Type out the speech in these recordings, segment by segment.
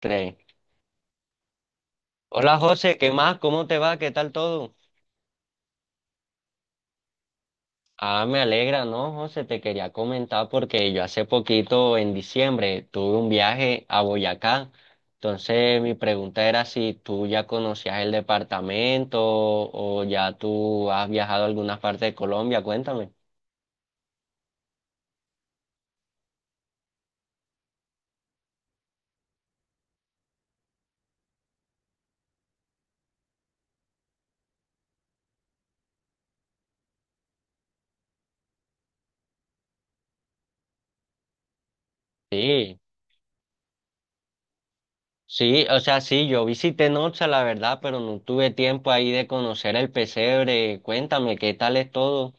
Play. Hola José, ¿qué más? ¿Cómo te va? ¿Qué tal todo? Ah, me alegra, ¿no, José? Te quería comentar porque yo hace poquito, en diciembre, tuve un viaje a Boyacá. Entonces, mi pregunta era si tú ya conocías el departamento o ya tú has viajado a alguna parte de Colombia. Cuéntame. Sí, sí, o sea, sí, yo visité Nocha, la verdad, pero no tuve tiempo ahí de conocer el pesebre. Cuéntame, ¿qué tal es todo?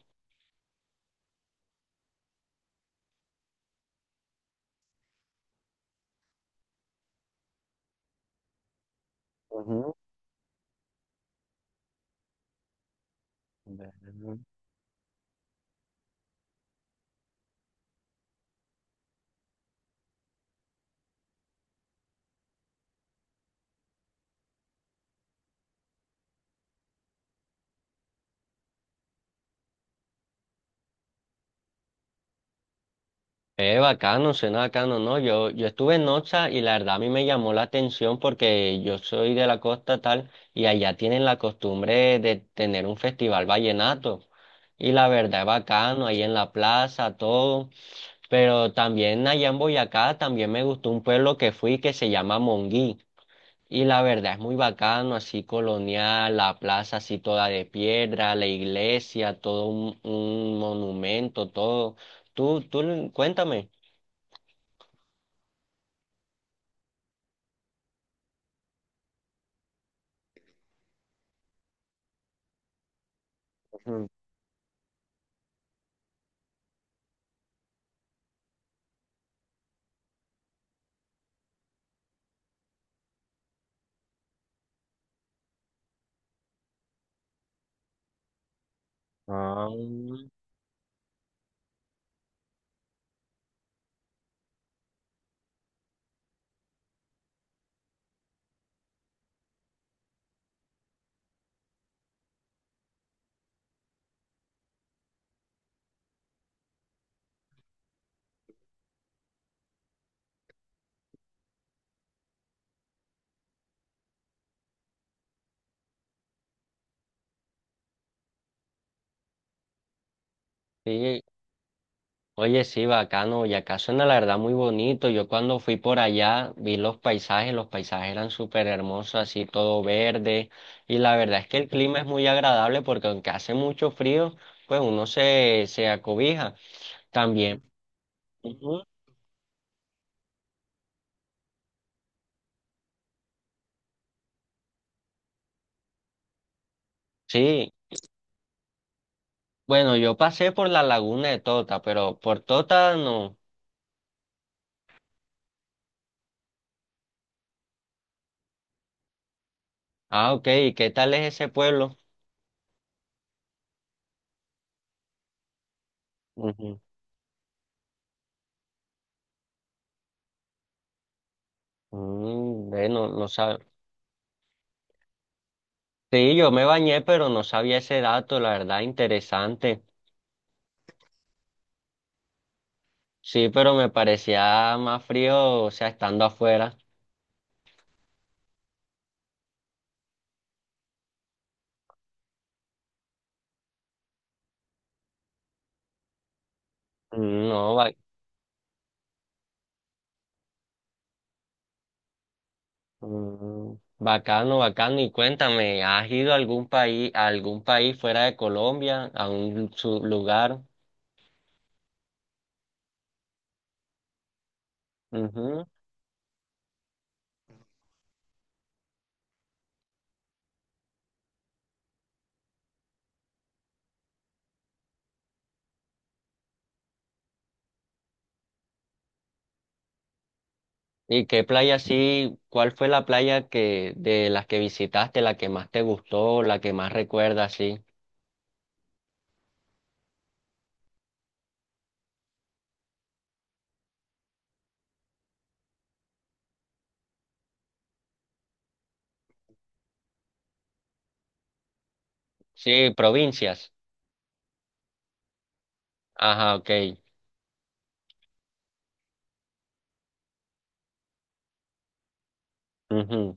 Ujú. Bacano, suena bacano, ¿no? Yo estuve en Nocha y la verdad a mí me llamó la atención porque yo soy de la costa tal y allá tienen la costumbre de tener un festival vallenato y la verdad es bacano, ahí en la plaza, todo, pero también allá en Boyacá también me gustó un pueblo que fui que se llama Monguí y la verdad es muy bacano, así colonial, la plaza así toda de piedra, la iglesia, todo un monumento, todo. Tú, cuéntame. Mm. Ah, sí. Oye, sí, bacano. Y acá suena la verdad muy bonito. Yo cuando fui por allá vi los paisajes eran súper hermosos, así todo verde. Y la verdad es que el clima es muy agradable porque aunque hace mucho frío, pues uno se, se acobija. También. Ujú. Sí, bueno, yo pasé por la laguna de Tota, pero por Tota no. Ah, ok. ¿Y qué tal es ese pueblo? Ujú. Mm, bueno, no sabe. Sí, yo me bañé, pero no sabía ese dato, la verdad, interesante. Sí, pero me parecía más frío, o sea, estando afuera. Mm, no, bacano, bacano. Y cuéntame, ¿has ido a algún país fuera de Colombia, a un lugar? Ujú. ¿Y qué playa sí? ¿Cuál fue la playa que de las que visitaste, la que más te gustó, la que más recuerdas, sí? Sí, provincias. Ajá, ok. Ujú.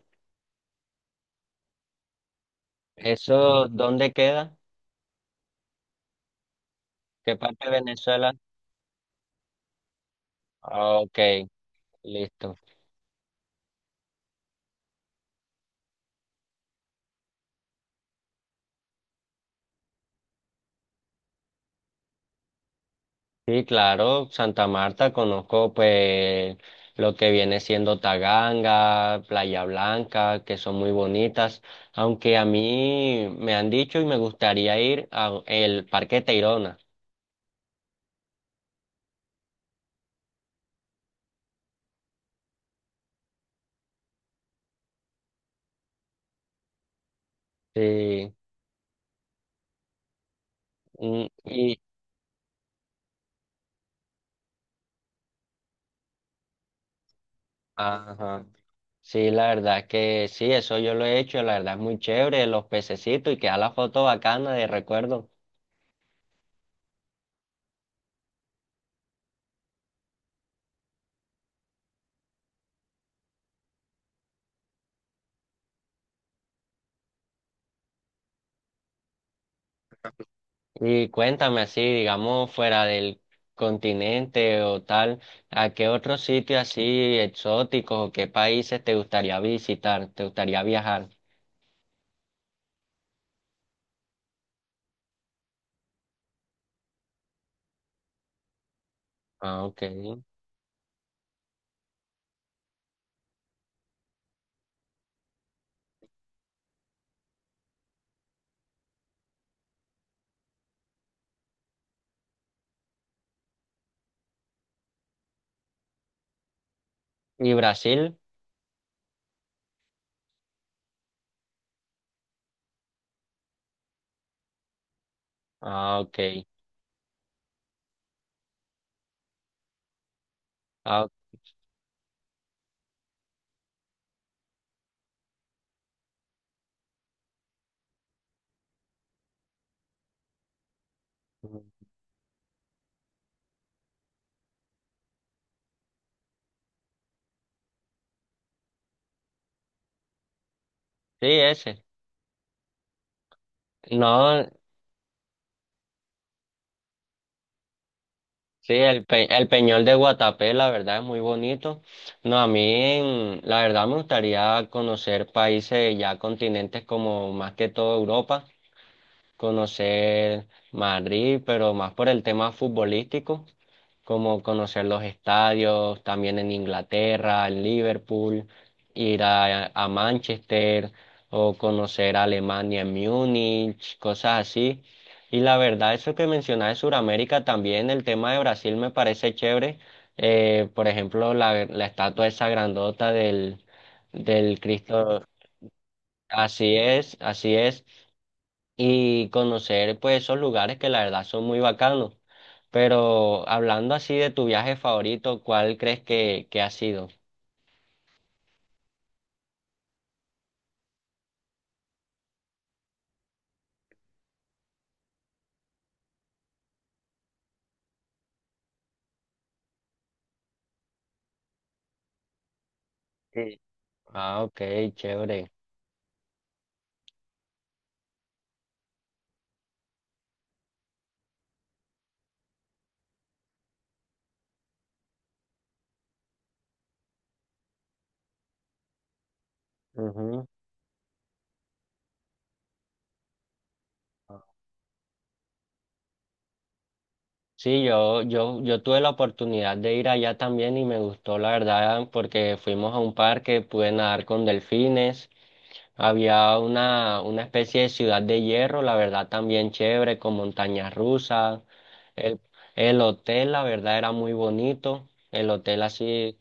¿Eso dónde queda? ¿Qué parte de Venezuela? Ah, ok, listo. Sí, claro, Santa Marta, conozco pues lo que viene siendo Taganga, Playa Blanca, que son muy bonitas, aunque a mí me han dicho y me gustaría ir al Parque Tayrona. Sí, y, ajá, sí, la verdad es que sí, eso yo lo he hecho, la verdad es muy chévere, los pececitos y queda la foto bacana de recuerdo. Y cuéntame así, digamos, fuera del continente o tal, ¿a qué otro sitio así exóticos o qué países te gustaría visitar, te gustaría viajar? Ah, ok. ¿Y Brasil? Ah, ok. Ah, ujú. Sí, ese. No, sí, el Peñol de Guatapé, la verdad, es muy bonito. No, a mí, la verdad, me gustaría conocer países ya continentes como más que todo Europa. Conocer Madrid, pero más por el tema futbolístico, como conocer los estadios, también en Inglaterra, en Liverpool, ir a Manchester o conocer Alemania en Múnich, cosas así. Y la verdad, eso que mencionas de Sudamérica también, el tema de Brasil me parece chévere. Por ejemplo, la estatua esa grandota del Cristo. Así es y conocer pues esos lugares que la verdad son muy bacanos. Pero hablando así de tu viaje favorito, ¿cuál crees que ha sido? Sí. Ah, ok, chévere. Ujú. Sí, yo tuve la oportunidad de ir allá también y me gustó, la verdad, porque fuimos a un parque, pude nadar con delfines. Había una especie de ciudad de hierro, la verdad también chévere, con montañas rusas. El, el hotel, la verdad, era muy bonito. El hotel así,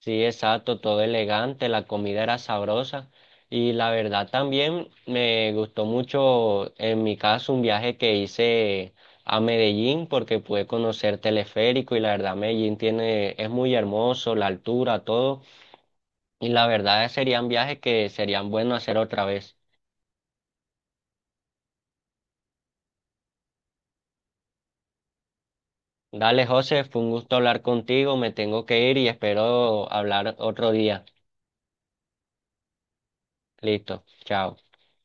sí, exacto, todo elegante, la comida era sabrosa. Y la verdad también me gustó mucho, en mi caso, un viaje que hice a Medellín porque pude conocer teleférico y la verdad Medellín tiene, es muy hermoso, la altura, todo. Y la verdad serían viajes que serían buenos hacer otra vez. Dale, José, fue un gusto hablar contigo. Me tengo que ir y espero hablar otro día. Listo, chao.